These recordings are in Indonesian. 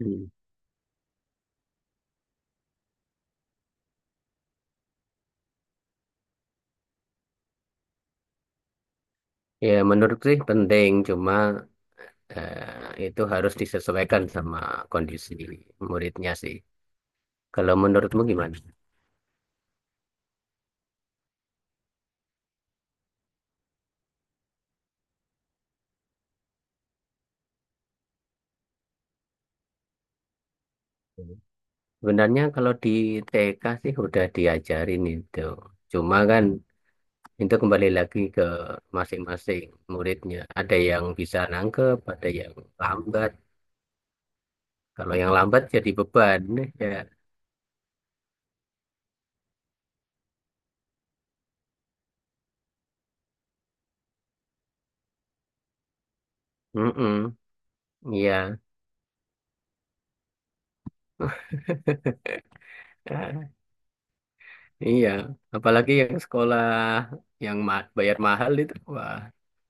Hmm. Ya, menurut sih penting, cuma itu harus disesuaikan sama kondisi muridnya sih. Kalau menurutmu gimana? Sebenarnya kalau di TK sih udah diajarin itu. Cuma kan itu kembali lagi ke masing-masing muridnya. Ada yang bisa nangkep, ada yang lambat. Kalau yang lambat jadi beban ya. Mm-mm. Iya. Iya, apalagi yang sekolah yang bayar mahal itu, wah.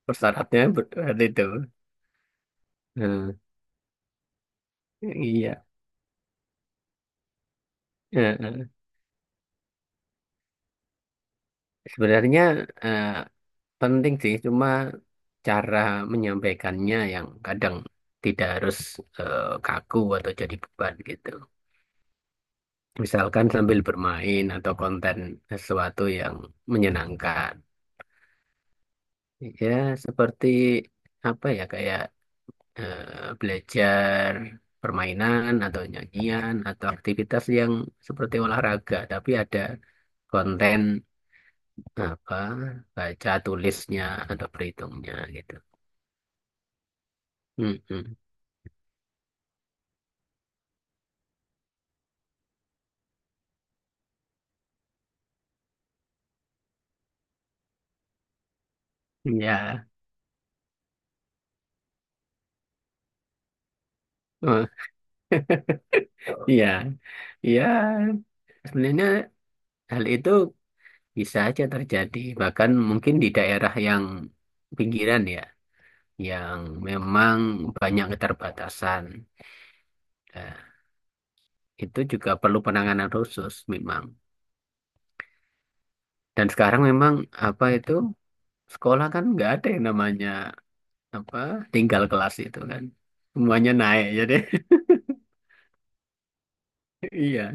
Persyaratnya berat itu. Hmm, iya. Eh, eh. Sebenarnya eh, penting sih, cuma cara menyampaikannya yang kadang tidak harus kaku atau jadi beban gitu. Misalkan sambil bermain atau konten sesuatu yang menyenangkan. Ya, seperti apa ya, kayak belajar permainan atau nyanyian atau aktivitas yang seperti olahraga, tapi ada konten apa baca tulisnya atau perhitungnya gitu. Mm-mm. Ya, Eh, ya, ya. Sebenarnya hal itu bisa aja terjadi. Bahkan mungkin di daerah yang pinggiran ya, yang memang banyak keterbatasan. Nah, itu juga perlu penanganan khusus memang. Dan sekarang memang apa itu sekolah kan nggak ada yang namanya apa tinggal kelas itu kan. Semuanya naik jadi iya.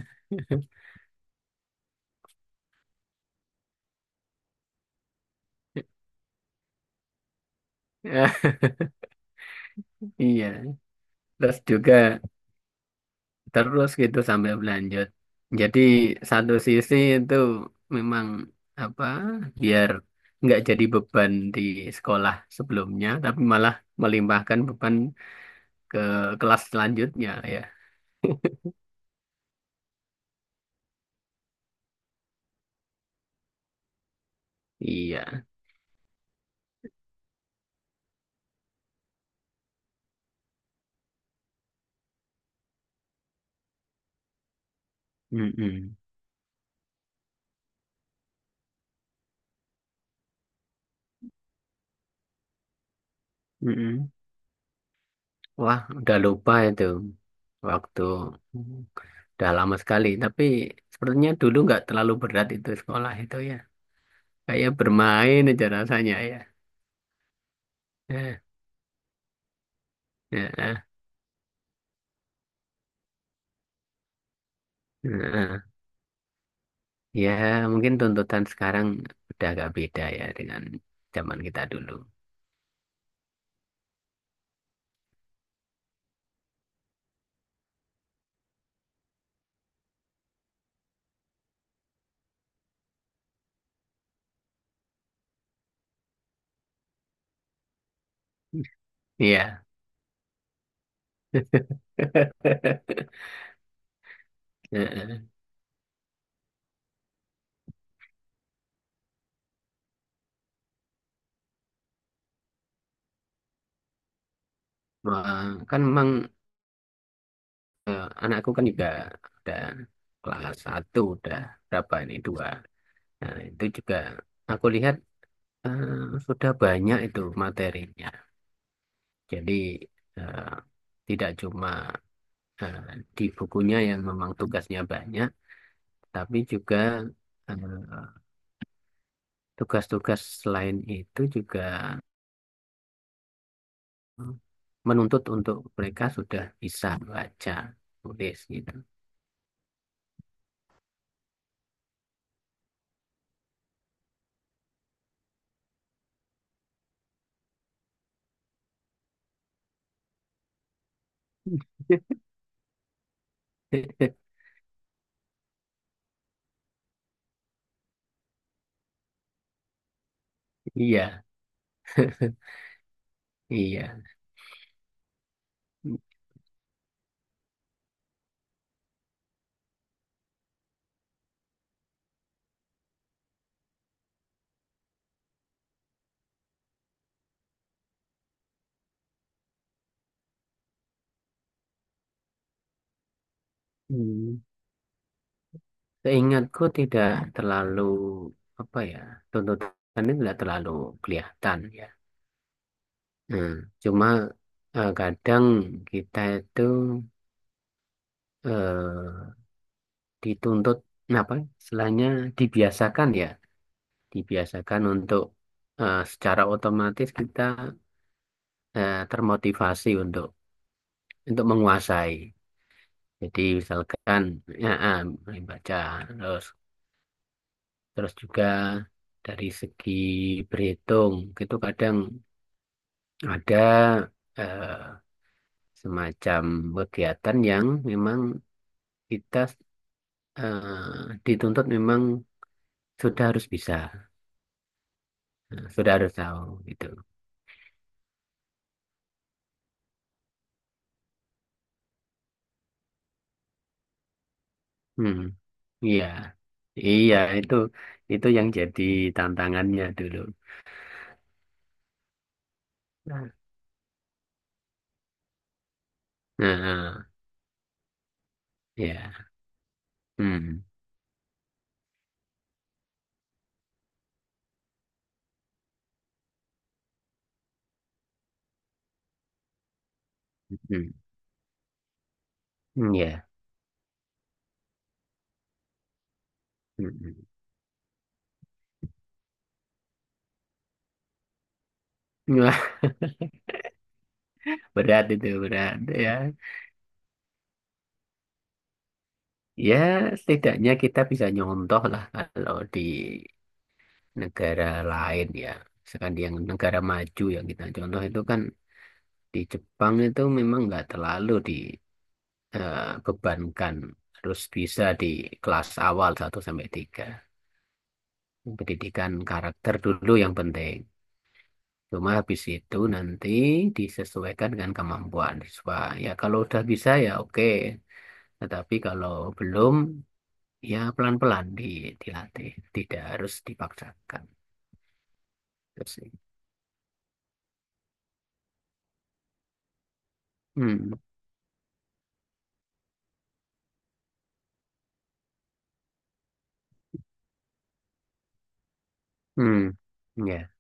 Ya, iya, terus juga terus gitu sambil berlanjut. Jadi satu sisi itu memang apa biar nggak jadi beban di sekolah sebelumnya, tapi malah melimpahkan beban ke kelas selanjutnya ya. Iya. Mm-mm. Mm-mm. Wah, udah lupa itu, waktu udah lama sekali. Tapi sepertinya dulu nggak terlalu berat itu sekolah itu ya. Kayak bermain aja rasanya ya. Eh, eh, eh. Nah, ya mungkin tuntutan sekarang udah agak beda ya dengan zaman kita dulu. Iya. Heeh. Wah, kan memang anakku kan juga udah kelas satu, udah berapa ini dua. Nah, itu juga aku lihat sudah banyak itu materinya. Jadi eh, tidak cuma eh, di bukunya yang memang tugasnya banyak, tapi juga eh, tugas-tugas selain itu juga hmm, menuntut untuk mereka sudah bisa baca, tulis gitu. Iya, iya. Hmm. Seingatku tidak terlalu apa ya, tuntutannya tidak terlalu kelihatan ya. Hmm. Cuma kadang kita itu eh, dituntut apa? Istilahnya dibiasakan ya, dibiasakan untuk secara otomatis kita termotivasi untuk menguasai. Jadi misalkan ya, mulai baca terus, terus juga dari segi berhitung itu kadang ada eh, semacam kegiatan yang memang kita dituntut memang sudah harus bisa, sudah harus tahu gitu. Hmm, iya. Iya, itu yang jadi tantangannya dulu. Nah, nah, ya. Hmm. Hmm, hmm, ya. Hmm, hmm. Wah, berat itu, berat ya. Ya, setidaknya kita bisa nyontoh lah kalau di negara lain ya. Misalkan di yang negara maju yang kita contoh itu kan di Jepang itu memang nggak terlalu dibebankan harus bisa di kelas awal satu sampai tiga. Pendidikan karakter dulu yang penting. Cuma habis itu nanti disesuaikan dengan kemampuan siswa. Ya kalau udah bisa ya oke. Tetapi kalau belum, ya pelan-pelan di, dilatih, tidak harus dipaksakan. Terus, hmm, hmm, ya,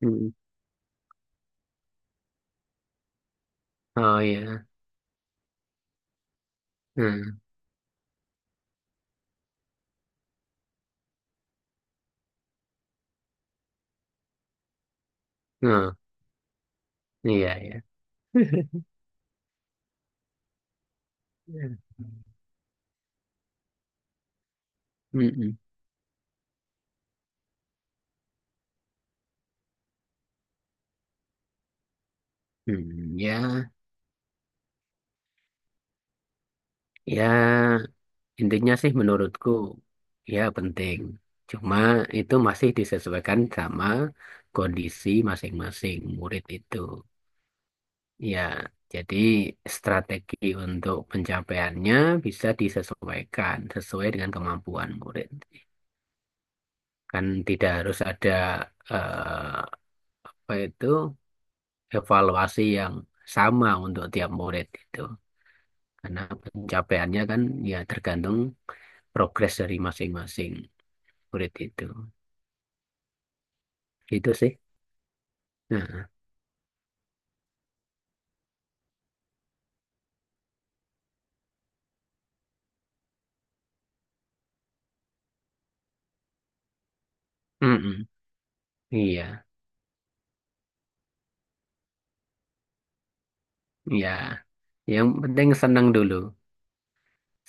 hmm. Oh ya, hmm, oh, iya ya. Ya. Hmm, hmm, hmm, ya, ya intinya sih menurutku ya penting. Cuma itu masih disesuaikan sama kondisi masing-masing murid itu. Ya, jadi strategi untuk pencapaiannya bisa disesuaikan sesuai dengan kemampuan murid. Kan tidak harus ada eh, apa itu evaluasi yang sama untuk tiap murid itu. Karena pencapaiannya kan ya tergantung progres dari masing-masing murid itu. Itu sih. Nah, mm-mm. Iya, iya. Yang penting senang dulu.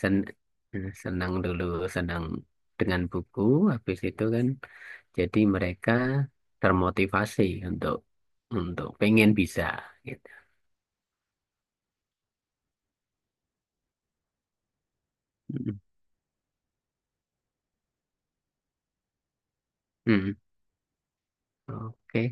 sen senang dulu, senang dengan buku habis itu kan jadi mereka termotivasi untuk pengen bisa gitu. Mm. Mm. Oke.